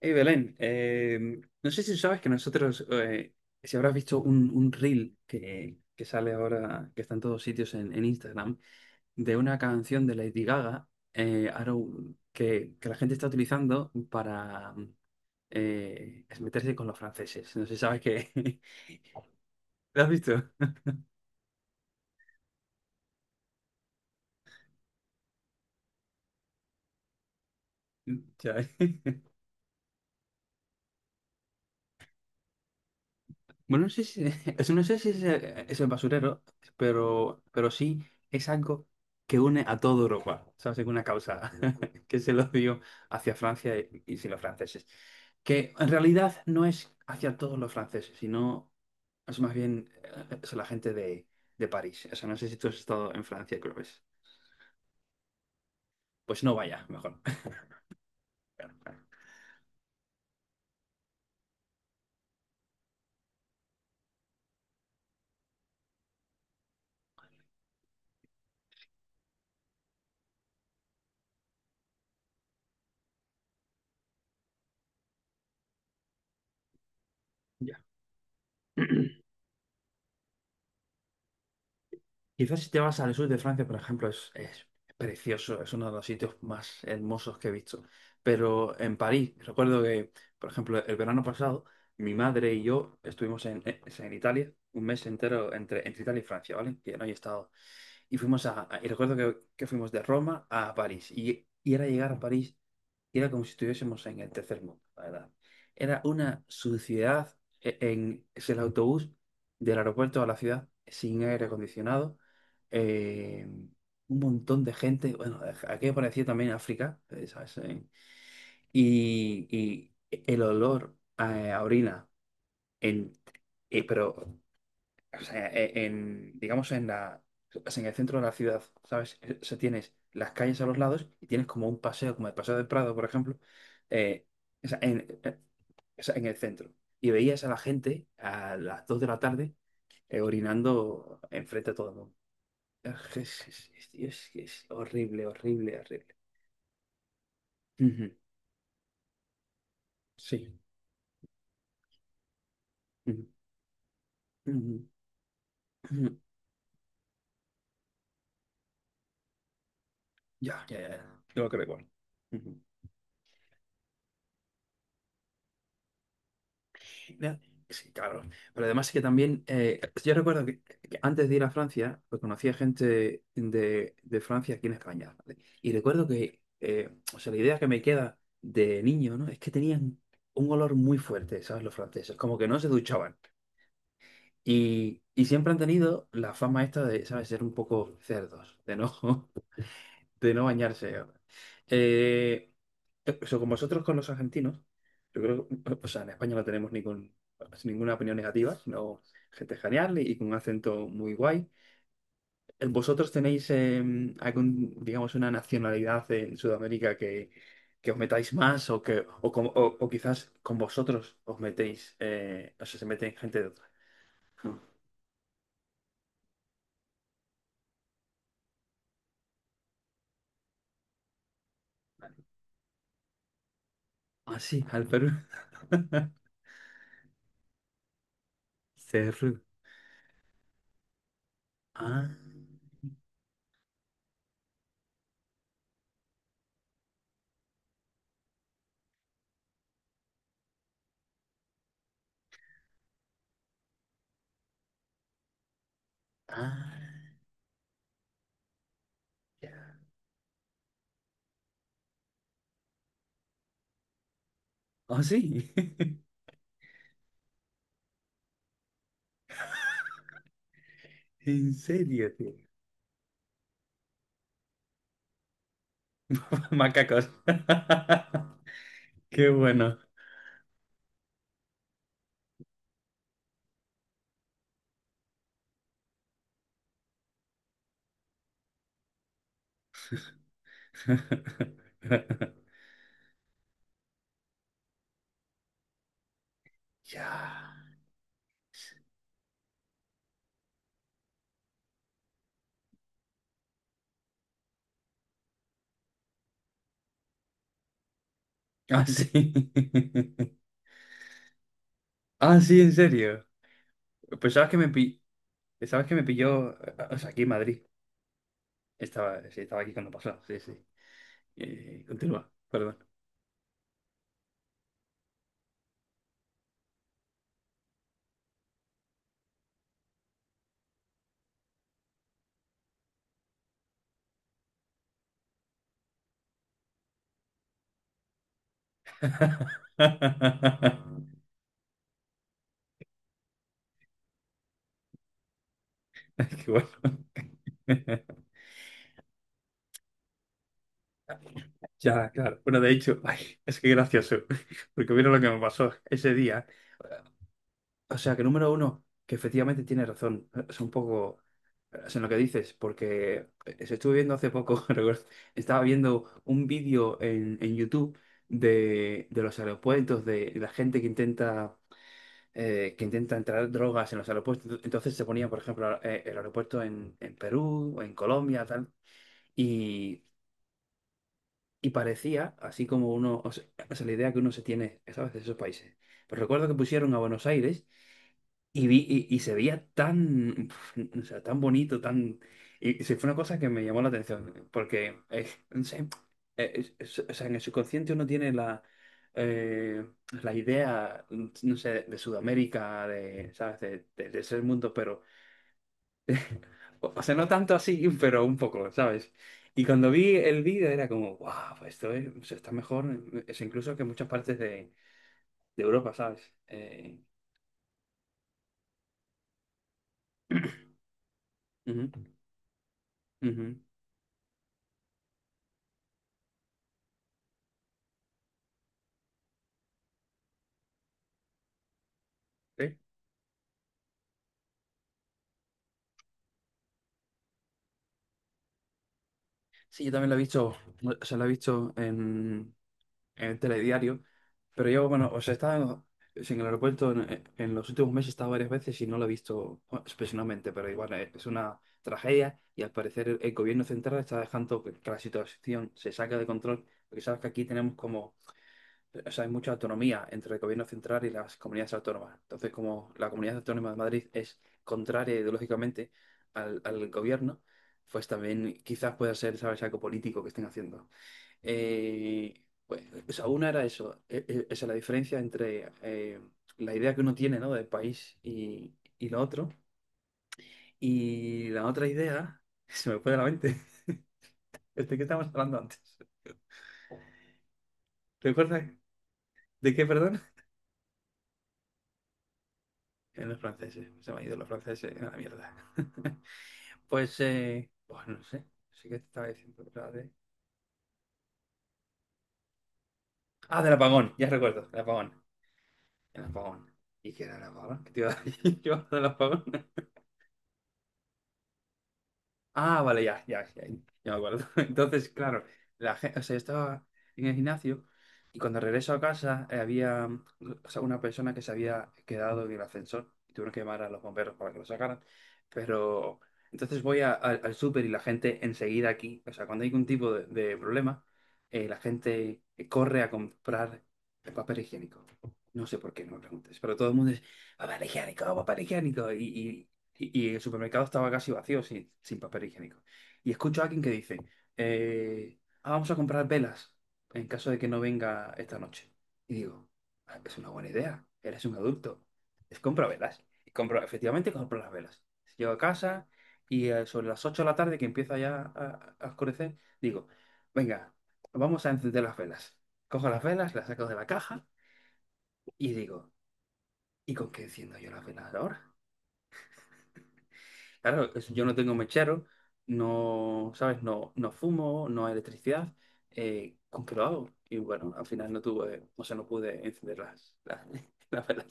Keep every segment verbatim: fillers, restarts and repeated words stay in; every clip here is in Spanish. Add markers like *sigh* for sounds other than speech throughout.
Hey Belén, eh, no sé si sabes que nosotros, eh, si habrás visto un, un reel que, que sale ahora, que está en todos sitios en, en Instagram, de una canción de Lady Gaga, eh, Arrow, que, que la gente está utilizando para eh, meterse con los franceses. No sé si sabes que... *laughs* ¿Lo has visto? *laughs* Ya. Bueno, no sé si, *laughs* es- no sé si es, el es el basurero, pero, pero sí es algo que une a toda Europa, ¿sabes? Es una causa *laughs* que se lo dio hacia Francia y, y sin los franceses. Que en realidad no es hacia todos los franceses, sino es más bien eh, es la gente de, de París. O sea, no sé si tú has estado en Francia, creo que es. Pues no vaya, mejor. *laughs* Claro, claro. Ya. *clears throat* Quizás si te vas al sur de Francia, por ejemplo, es, es precioso, es uno de los sitios más hermosos que he visto. Pero en París, recuerdo que, por ejemplo, el verano pasado, mi madre y yo estuvimos en, en en Italia un mes entero entre, entre Italia y Francia, ¿vale? Que no he estado. Y fuimos a, a- y recuerdo que, que fuimos de Roma a París. Y, y era llegar a París y era como si estuviésemos en el tercer mundo, la verdad. Era una suciedad e- en es el autobús del aeropuerto a la ciudad sin aire acondicionado, eh, un montón de gente, bueno, aquí parecía también África, eh, ¿sabes? Eh, y, y el olor a, a orina, en, eh, pero o sea, e- en, digamos, en la, en el centro de la ciudad, ¿sabes? Eh, O sea, tienes las calles a los lados y tienes como un paseo, como el Paseo del Prado, por ejemplo, eh, o sea, en, eh, o sea, en el centro. Y veías a la gente a las dos de la tarde eh, orinando enfrente a todo el mundo. Es, es, es- es- es que es horrible, horrible, horrible. Ujú. Sí. Ujú, ujú, ujú. Ya, ya, ya. Yo lo creo igual. Ujú. Sí, claro. Pero además que también, eh, yo recuerdo que, que antes de ir a Francia, pues conocía gente de, de Francia aquí en España, ¿vale? Y recuerdo que, eh, o sea, la idea que me queda de niño, ¿no? Es que tenían un olor muy fuerte, ¿sabes? Los franceses, como que no se duchaban. Y, y siempre han tenido la fama esta de, ¿sabes? Ser un poco cerdos, de no, *laughs* de no bañarse. Eh, eso, con vosotros, con los argentinos, yo creo que, o sea, en España no tenemos ningún, ninguna opinión negativa, sino gente genial y con un acento muy guay. Eh, ¿Vosotros tenéis eh, algún, digamos, una nacionalidad en Sudamérica que, que os metáis más o que o, con- o- o quizás con vosotros os metéis, eh, o sea, se meten gente de otra? Ah, sí, al Perú. *laughs* Cerro. Ah, ah, ya. Ah, sí. *laughs* En serio, tío. *laughs* Macacos. *laughs* Qué bueno. *laughs* Ya. Ah, sí. *laughs* Ah, sí, en serio. Pues sabes que me pi... sabes que me pilló, o sea, aquí en Madrid. Estaba, sí, estaba aquí cuando pasó. Sí, sí. Eh, continúa, perdón. *laughs* Ay. Qué bueno. *laughs* Ya, claro. Bueno, de hecho, ay, es que gracioso, *laughs* porque vieron lo que me pasó ese día. O sea, que número uno, que efectivamente tiene razón. Es un poco es en lo que dices, porque eh, se estuve viendo hace poco, *laughs* recuerdo, estaba viendo un vídeo en, en YouTube de, de los aeropuertos, de la gente que intenta, eh, que intenta entrar drogas en los aeropuertos. Entonces se ponía, por ejemplo, eh, el aeropuerto en, en Perú, o en Colombia, tal. Y, y parecía, así como uno, o sea, o sea, la idea que uno se tiene, ¿sabes?, de esos países. Pero recuerdo que pusieron a Buenos Aires. Y, vi, y, y se veía tan, pf, o sea, tan bonito, tan... Y sí, fue una cosa que me llamó la atención, porque, eh, no sé, eh, es- es- o sea, en el subconsciente uno tiene la, eh, la idea, no sé, de Sudamérica, de, ¿sabes? De, de, de ese mundo, pero, o o sea, no tanto así, *laughs* pero un poco, ¿sabes? Y cuando vi el vídeo era como, wow, pues esto es- o sea, está mejor, es incluso que muchas partes de, de Europa, ¿sabes? Eh, ujú, ujú. Sí, yo también lo he visto, o sea, lo he visto en, en el telediario, pero yo, bueno, o sea, estaba en el aeropuerto en, eh, en los últimos meses, he estado varias veces y no lo he visto bueno, especialmente, pero igual eh, es una tragedia y al parecer el, el gobierno central está dejando que, que la situación se saque de control, porque sabes que aquí tenemos como o sea, hay mucha autonomía entre el gobierno central y las comunidades autónomas. Entonces, como la comunidad autónoma de Madrid es contraria ideológicamente al, al gobierno, pues también quizás pueda ser, ¿sabes?, algo político que estén haciendo. Eh, pues, o sea, una era eso, eh, eh, esa es la diferencia entre eh, la idea que uno tiene, ¿no?, del país y, y lo otro. Y la otra idea, *laughs* se me fue de la mente, *laughs* ¿de qué estábamos hablando antes? ¿Recuerdas de qué, perdón? En los franceses, se me han ido los franceses a la mierda. *laughs* Pues, eh, pues no sé, sí que te estaba diciendo la de... Ah, del apagón, ya recuerdo, el apagón, el apagón. ¿Y qué era el apagón? ¿Qué te iba a decir *laughs* yo del apagón? Ah, vale, ya, ya, ya, ya me acuerdo. *laughs* Entonces, claro, la gente, o sea, yo estaba en el gimnasio y cuando regreso a casa eh, había mm, o sea, una persona que se había quedado en el ascensor y tuvieron que llamar a los bomberos para que lo sacaran. Pero entonces voy a- al al súper y la gente enseguida aquí, o sea, cuando hay algún tipo de, de problema, eh, la gente corre a comprar el papel higiénico. No sé por qué, no me preguntes, pero todo el mundo es papel higiénico, papel higiénico. Y, y, y el supermercado estaba casi vacío, sin, sin papel higiénico. Y escucho a alguien que dice, eh, "Ah, vamos a comprar velas en caso de que no venga esta noche. Y digo, "Ah, es una buena idea, eres un adulto, es compra velas. Y compro, efectivamente compro las velas. Llego a casa y eh, sobre las ocho de la tarde que empieza ya a, a oscurecer, digo, venga, vamos a encender las velas. Cojo las velas, las saco de la caja y digo, ¿y con qué enciendo yo las velas ahora? Claro, es- yo no tengo mechero, no, ¿sabes? No, no fumo, no hay electricidad. eh, ¿con qué lo hago? Y bueno, al final no tuve, o sea, no pude encender las, las, *laughs* las velas.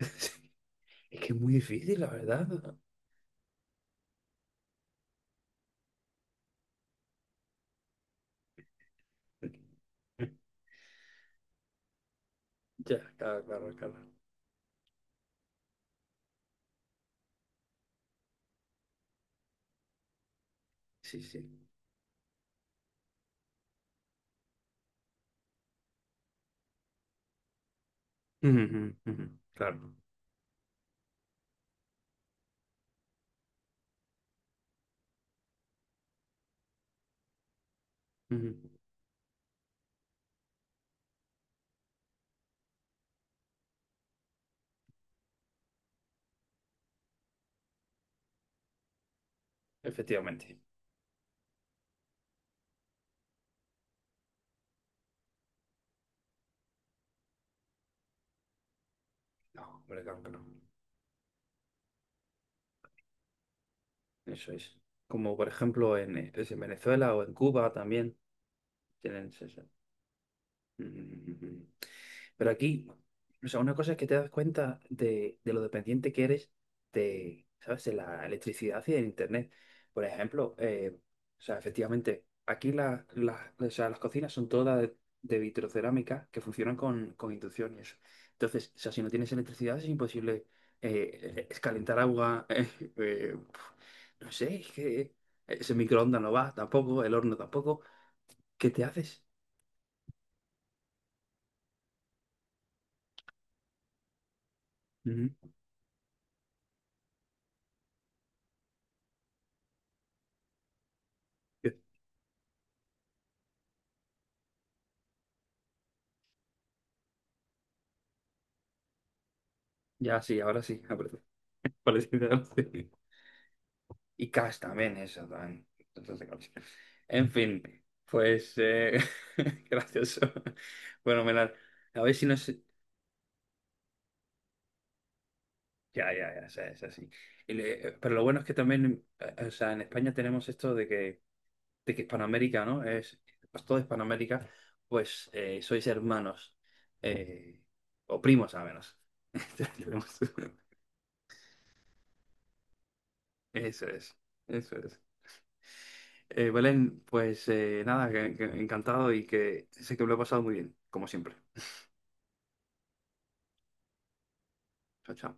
*laughs* Es que es muy difícil, la verdad. Ya, claro, claro, claro. Sí, sí. Ujú, ujú, ujú. Claro. Ujú. Efectivamente. No, hombre, claro que no. Eso es. Como por ejemplo en, eh, es en Venezuela o en Cuba también tienen eso. *laughs* Mm. Pero aquí, o sea, una cosa es que te das cuenta de, de lo dependiente que eres de, ¿sabes? De la electricidad y del internet. Por ejemplo, eh, o sea, efectivamente, aquí la- la- o sea, las cocinas son todas de, de vitrocerámica que funcionan con, con inducción y eso. Entonces, o sea, si no tienes electricidad es imposible eh, es calentar agua. *laughs* eh, eh, no sé, es que ese microondas no va tampoco, el horno tampoco. ¿Qué te haces? Ujú. Ya sí, ahora sí. apre- Parece que ahora sí. *laughs* Y Cash también, eso también. Entonces, de Cash. En fin, pues eh, *laughs* gracioso. Bueno, Melar, a ver si nos... Ya, ya, ya, o sea, es así. Y le- eh, Pero lo bueno es que también, eh, o sea, en España tenemos esto de que, de que Hispanoamérica, ¿no? Es, pues toda Hispanoamérica, pues eh, sois hermanos, eh, o primos al menos. *laughs* Tenemos- Eso es, eso es. Eh, Belén, pues eh, nada, que- que encantado y que sé que me lo he pasado muy bien, como siempre. Chao, chao.